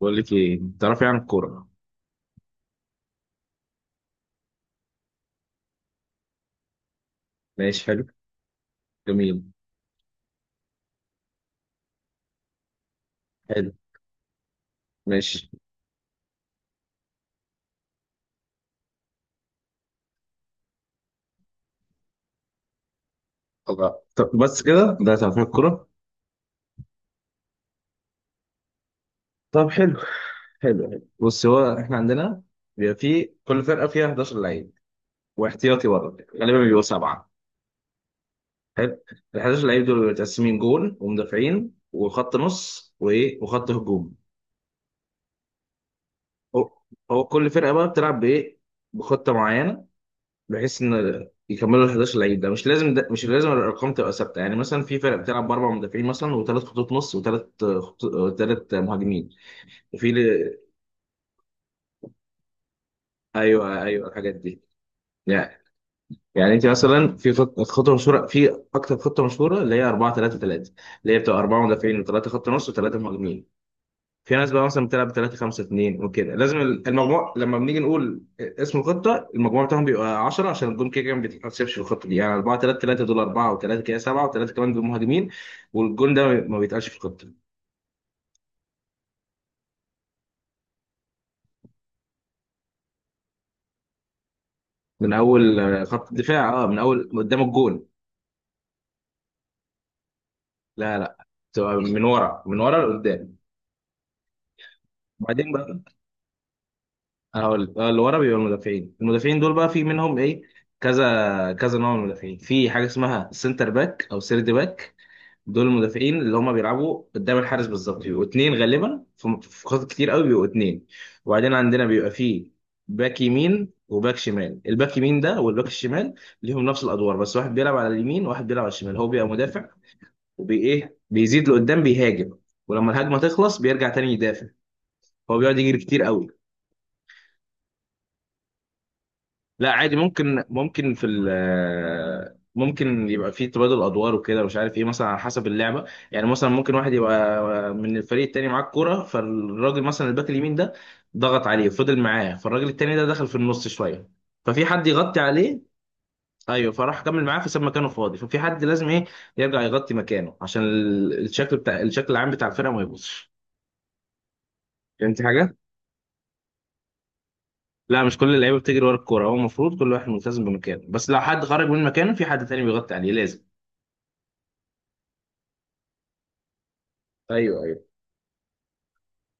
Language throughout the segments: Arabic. بقول لك ايه تعرفي عن الكوره؟ ماشي، حلو. جميل. حلو. ماشي. الله، طب بس كده ده تعرفي الكوره؟ طب حلو. حلو، حلو، بص. هو احنا عندنا بيبقى في كل فرقه فيها 11 لعيب، واحتياطي برضه غالبا بيبقوا سبعه. حلو. ال 11 لعيب دول بيبقوا متقسمين: جول، ومدافعين، وخط نص، وايه، وخط هجوم. هو هو كل فرقه بقى بتلعب بايه؟ بخطه معينه، بحيث ان يكملوا ال 11 لعيب ده مش لازم ده مش لازم الارقام تبقى ثابته. يعني مثلا في فرق بتلعب باربع مدافعين مثلا، وثلاث خطوط نص، وثلاث مهاجمين. وفي ل- ايوه، ايوه، الحاجات دي. يعني يعني انت مثلا في خطه مشهوره، في اكتر خطه مشهوره اللي هي 4-3-3، اللي هي بتبقى اربعه مدافعين وثلاثه خط نص وثلاثه مهاجمين. في ناس بقى مثلا بتلعب 3-5-2 وكده. لازم المجموع، لما بنيجي نقول اسم الخطه المجموع بتاعهم بيبقى 10، عشان الجون كده كده ما بيتحسبش في الخطه دي. يعني 4-3-3 دول 4 و3 كده 7، و3 كمان دول مهاجمين. والجون ده ما بيتقالش في الخطه. من اول خط الدفاع. اه، من اول قدام الجون. لا، لا، بتبقى من ورا، من ورا لقدام. وبعدين بقى هقول اللي ورا بيبقى المدافعين دول بقى في منهم ايه؟ كذا كذا نوع من المدافعين. في حاجه اسمها سنتر باك او سيرد باك، دول المدافعين اللي هم بيلعبوا قدام الحارس بالظبط، بيبقوا اتنين غالبا، في خطط كتير قوي بيبقوا اتنين. وبعدين عندنا بيبقى فيه باك يمين وباك شمال. الباك يمين ده والباك الشمال ليهم نفس الادوار، بس واحد بيلعب على اليمين وواحد بيلعب على الشمال. هو بيبقى مدافع، وبي ايه، بيزيد لقدام بيهاجم، ولما الهجمه تخلص بيرجع تاني يدافع. هو بيقعد يجري كتير قوي. لا، عادي، ممكن يبقى في تبادل ادوار وكده، مش عارف ايه، مثلا على حسب اللعبه. يعني مثلا ممكن واحد يبقى من الفريق التاني معاه الكوره، فالراجل مثلا الباك اليمين ده ضغط عليه وفضل معاه، فالراجل التاني ده دخل في النص شويه، ففي حد يغطي عليه. ايوه، فراح كمل معاه فساب مكانه فاضي، ففي حد لازم ايه يرجع يغطي مكانه، عشان الشكل بتاع الشكل العام بتاع الفرقه ما يبوظش. فهمت حاجه؟ لا، مش كل اللعيبه بتجري ورا الكوره. هو المفروض كل واحد ملتزم بمكانه، بس لو حد خرج من مكانه في حد تاني بيغطي عليه لازم. ايوه، ايوه.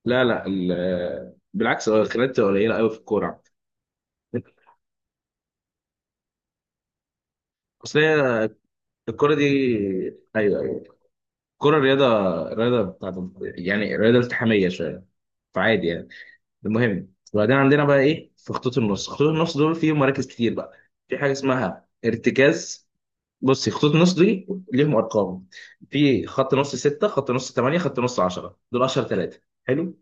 لا، لا، بالعكس، هو الخناقات بتبقى قليله قوي في الكوره. اصل هي الكوره دي. ايوه، ايوه، الكوره رياضه، رياضه بتاعت، يعني رياضه التحاميه شويه، فعادي يعني. المهم، وبعدين عندنا بقى ايه، في خطوط النص. خطوط النص دول فيهم مراكز كتير بقى. في حاجه اسمها ارتكاز. بصي، خطوط النص دي ليهم ارقام. في خط نص 6، خط نص 8، خط نص 10، دول اشهر ثلاثه. حلو.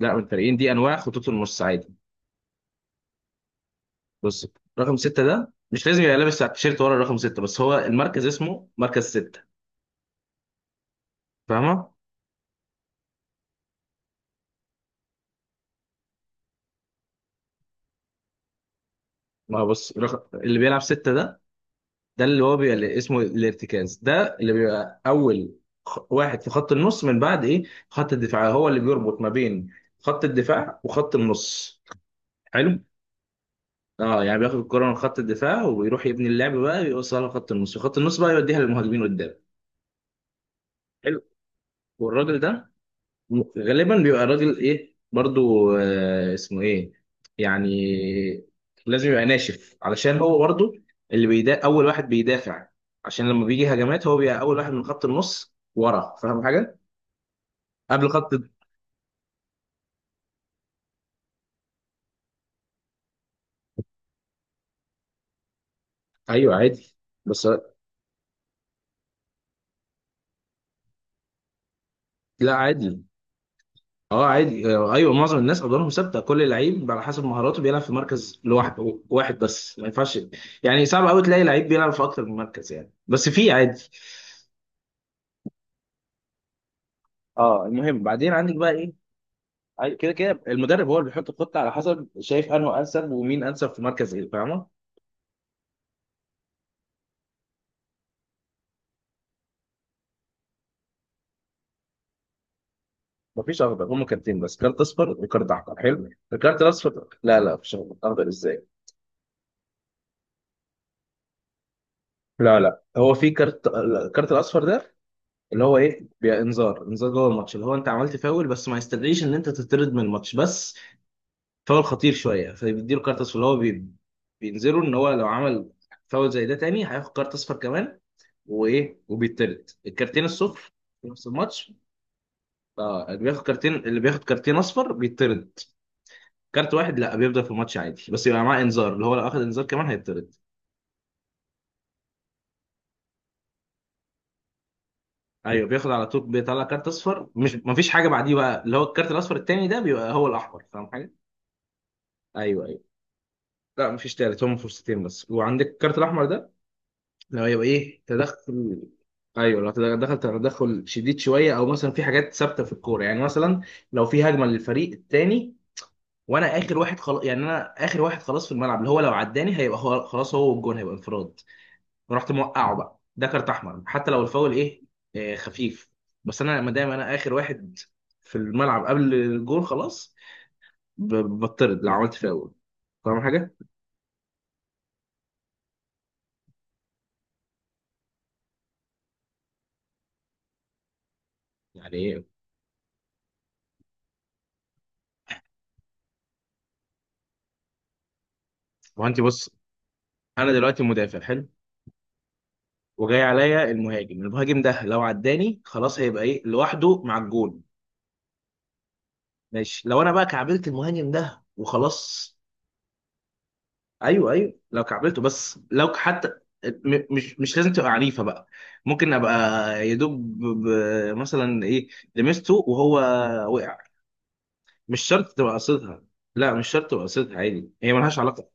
لا، من الفريقين، دي انواع خطوط النص عادي. بص، رقم ستة ده مش لازم يبقى لابس تيشيرت ورا رقم ستة، بس هو المركز اسمه مركز ستة. فاهمة؟ ما هو بص، رقم اللي بيلعب ستة ده، ده اللي هو بيبقى اللي اسمه الارتكاز، ده اللي بيبقى أول واحد في خط النص من بعد إيه، خط الدفاع. هو اللي بيربط ما بين خط الدفاع وخط النص. حلو؟ اه، يعني بياخد الكرة من خط الدفاع وبيروح يبني اللعب بقى، يوصلها لخط النص، وخط النص بقى يوديها للمهاجمين قدام. حلو. والراجل ده غالبا بيبقى الراجل ايه برضو، اسمه ايه، يعني لازم يبقى ناشف، علشان هو برضو اللي بيدا اول واحد بيدافع. عشان لما بيجي هجمات هو بيبقى اول واحد من خط النص ورا. فاهم حاجه؟ قبل خط. ايوه، عادي، بس. لا، عادي. اه، عادي، ايوه، معظم الناس ادوارهم ثابته. كل لعيب على حسب مهاراته بيلعب في مركز لوحده، واحد بس ما ينفعش. يعني صعب قوي تلاقي لعيب بيلعب في اكتر من مركز، يعني بس في عادي. اه، المهم بعدين عندك بقى ايه. كده كده المدرب هو اللي بيحط الخطه على حسب شايف انه انسب، ومين انسب في مركز ايه، فاهمه. مفيش اخضر. هم كارتين بس، كارت اصفر وكارت احمر. حلو، الكارت الاصفر. لا، لا، مفيش اخضر. اخضر ازاي؟ لا، لا، هو في كارت، الكارت الاصفر ده اللي هو ايه، انذار جوه الماتش، اللي هو انت عملت فاول بس ما يستدعيش ان انت تطرد من الماتش، بس فاول خطير شويه، فبيديله كارت اصفر اللي هو بينذره ان هو لو عمل فاول زي ده تاني هياخد كارت اصفر كمان، وايه، وبيطرد الكارتين الصفر في نفس الماتش. اه، اللي بياخد كارتين اصفر بيطرد. كارت واحد لا، بيفضل في الماتش عادي، بس يبقى معاه انذار، اللي هو لو اخد انذار كمان هيطرد. ايوه، بياخد على طول، بيطلع كارت اصفر، مش مفيش حاجه بعديه بقى، اللي هو الكارت الاصفر التاني ده بيبقى هو الاحمر. فاهم حاجه؟ ايوه، ايوه. لا، مفيش تالت، هم فرصتين بس. وعندك الكارت الاحمر ده لو يبقى ايه، تدخل. ايوه، لو تدخل، تدخل شديد شويه، او مثلا في حاجات ثابته في الكوره، يعني مثلا لو في هجمه للفريق التاني وانا اخر واحد خلاص، يعني انا اخر واحد خلاص في الملعب، اللي هو لو عداني هيبقى هو خلاص، هو والجون هيبقى انفراد. رحت موقعه بقى، ده كارت احمر حتى لو الفاول ايه، خفيف، بس انا ما دام انا اخر واحد في الملعب قبل الجون خلاص، بطرد لو عملت فاول. فاهم حاجه؟ يعني ايه؟ هو انت بص، انا دلوقتي مدافع. حلو. وجاي عليا المهاجم، المهاجم ده لو عداني خلاص هيبقى ايه، لوحده مع الجون. ماشي، لو انا بقى كعبلت المهاجم ده وخلاص. ايوه، ايوه، لو كعبلته، بس لو حتى مش لازم تبقى عنيفه بقى، ممكن ابقى يدوب مثلا ايه، لمسته وهو وقع. مش شرط تبقى قصدها. لا، مش شرط تبقى قصدها، عادي هي ملهاش علاقه.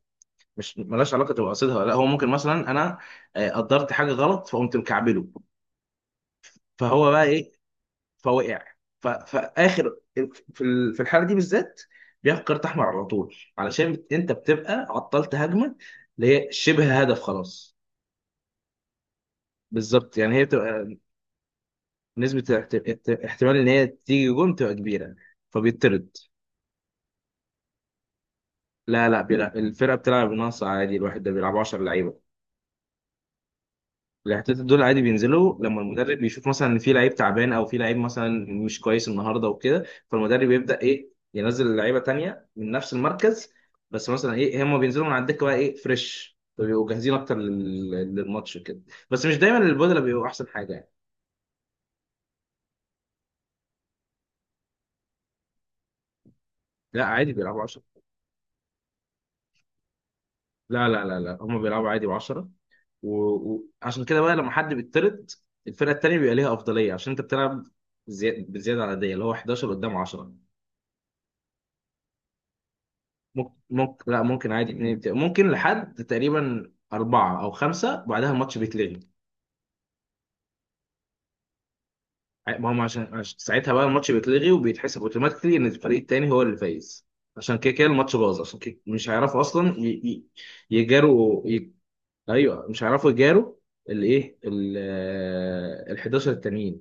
مش، ملهاش علاقه تبقى قصدها. لا، هو ممكن مثلا انا قدرت حاجه غلط فقمت مكعبله، فهو بقى ايه، فوقع، فاخر في الحاله دي بالذات بياخد كارت احمر على طول، علشان انت بتبقى عطلت هجمه اللي هي شبه هدف خلاص. بالظبط، يعني هي بتبقى نسبة احتمال إن هي تيجي جون بتبقى كبيرة، فبيطرد. لا، لا، بيلعب، الفرقة بتلعب بناقص عادي، الواحد ده بيلعب 10 لعيبة. الاحتياطات دول عادي بينزلوا لما المدرب بيشوف مثلا إن في لعيب تعبان، أو في لعيب مثلا مش كويس النهاردة وكده، فالمدرب يبدأ إيه ينزل لعيبة تانية من نفس المركز، بس مثلا إيه هم بينزلوا من على الدكة بقى إيه فريش، فبيبقوا جاهزين أكتر للماتش كده. بس مش دايما البودلة بيبقوا أحسن حاجة يعني. لا، عادي، بيلعبوا 10. لا، لا، لا، لا، هم بيلعبوا عادي ب10. وعشان كده بقى لما حد بيطرد الفرقه التانيه بيبقى ليها افضليه، عشان انت بتلعب بزياده عدديه، اللي هو 11 قدام 10. ممكن، لا، ممكن عادي اتنين، ممكن لحد تقريبا أربعة أو خمسة بعدها الماتش بيتلغي. ما هم عشان, ساعتها بقى الماتش بيتلغي، وبيتحسب اوتوماتيكلي إن الفريق التاني هو اللي فايز، عشان كده كده الماتش باظ، عشان كده مش هيعرفوا أصلا يجاروا أيوه، مش هيعرفوا يجاروا الإيه، ال 11 التانيين.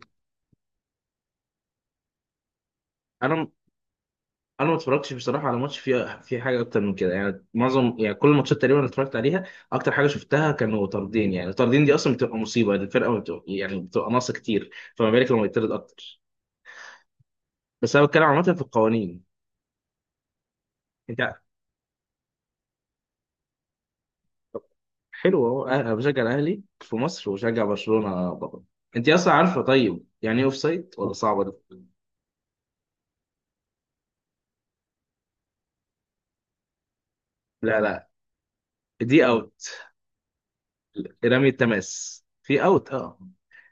انا انا ما اتفرجتش بصراحه على ماتش فيه حاجه اكتر من كده، يعني معظم، يعني كل الماتشات تقريبا اللي اتفرجت عليها اكتر حاجه شفتها كانوا طاردين. يعني الطاردين دي اصلا بتبقى مصيبه، يعني الفرقه ما بتبقى، يعني بتبقى ناقصه كتير، فما بالك لما يطرد اكتر. بس انا بتكلم عامه في القوانين. انت. حلو اهو، انا بشجع الاهلي في مصر وبشجع برشلونه بره. انت اصلا عارفه طيب يعني ايه اوف سايد، ولا صعبه دي؟ لا، لا، دي اوت. رمي التماس في اوت، اه.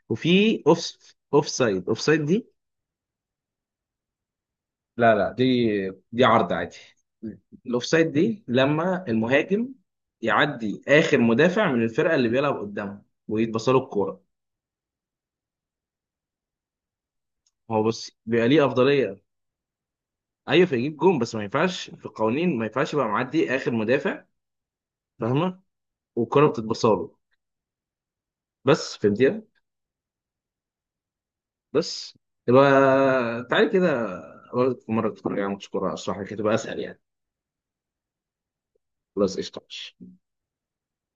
وفي اوف. اوف سايد، اوف سايد دي. لا، لا، دي، عرض عادي. الاوفسايد دي لما المهاجم يعدي اخر مدافع من الفرقه اللي بيلعب قدامه ويتبص له الكوره. هو بص بيبقى ليه افضليه. ايوه، فيجيب جون، بس ما ينفعش في القوانين، ما ينفعش يبقى معدي اخر مدافع، فاهمه، والكوره بتتبص له. بس فهمتيها. بس، يبقى تعالي كده أقول لك، في مره تتفرج على ماتش كوره اشرح لك هتبقى اسهل يعني. خلاص قشطه.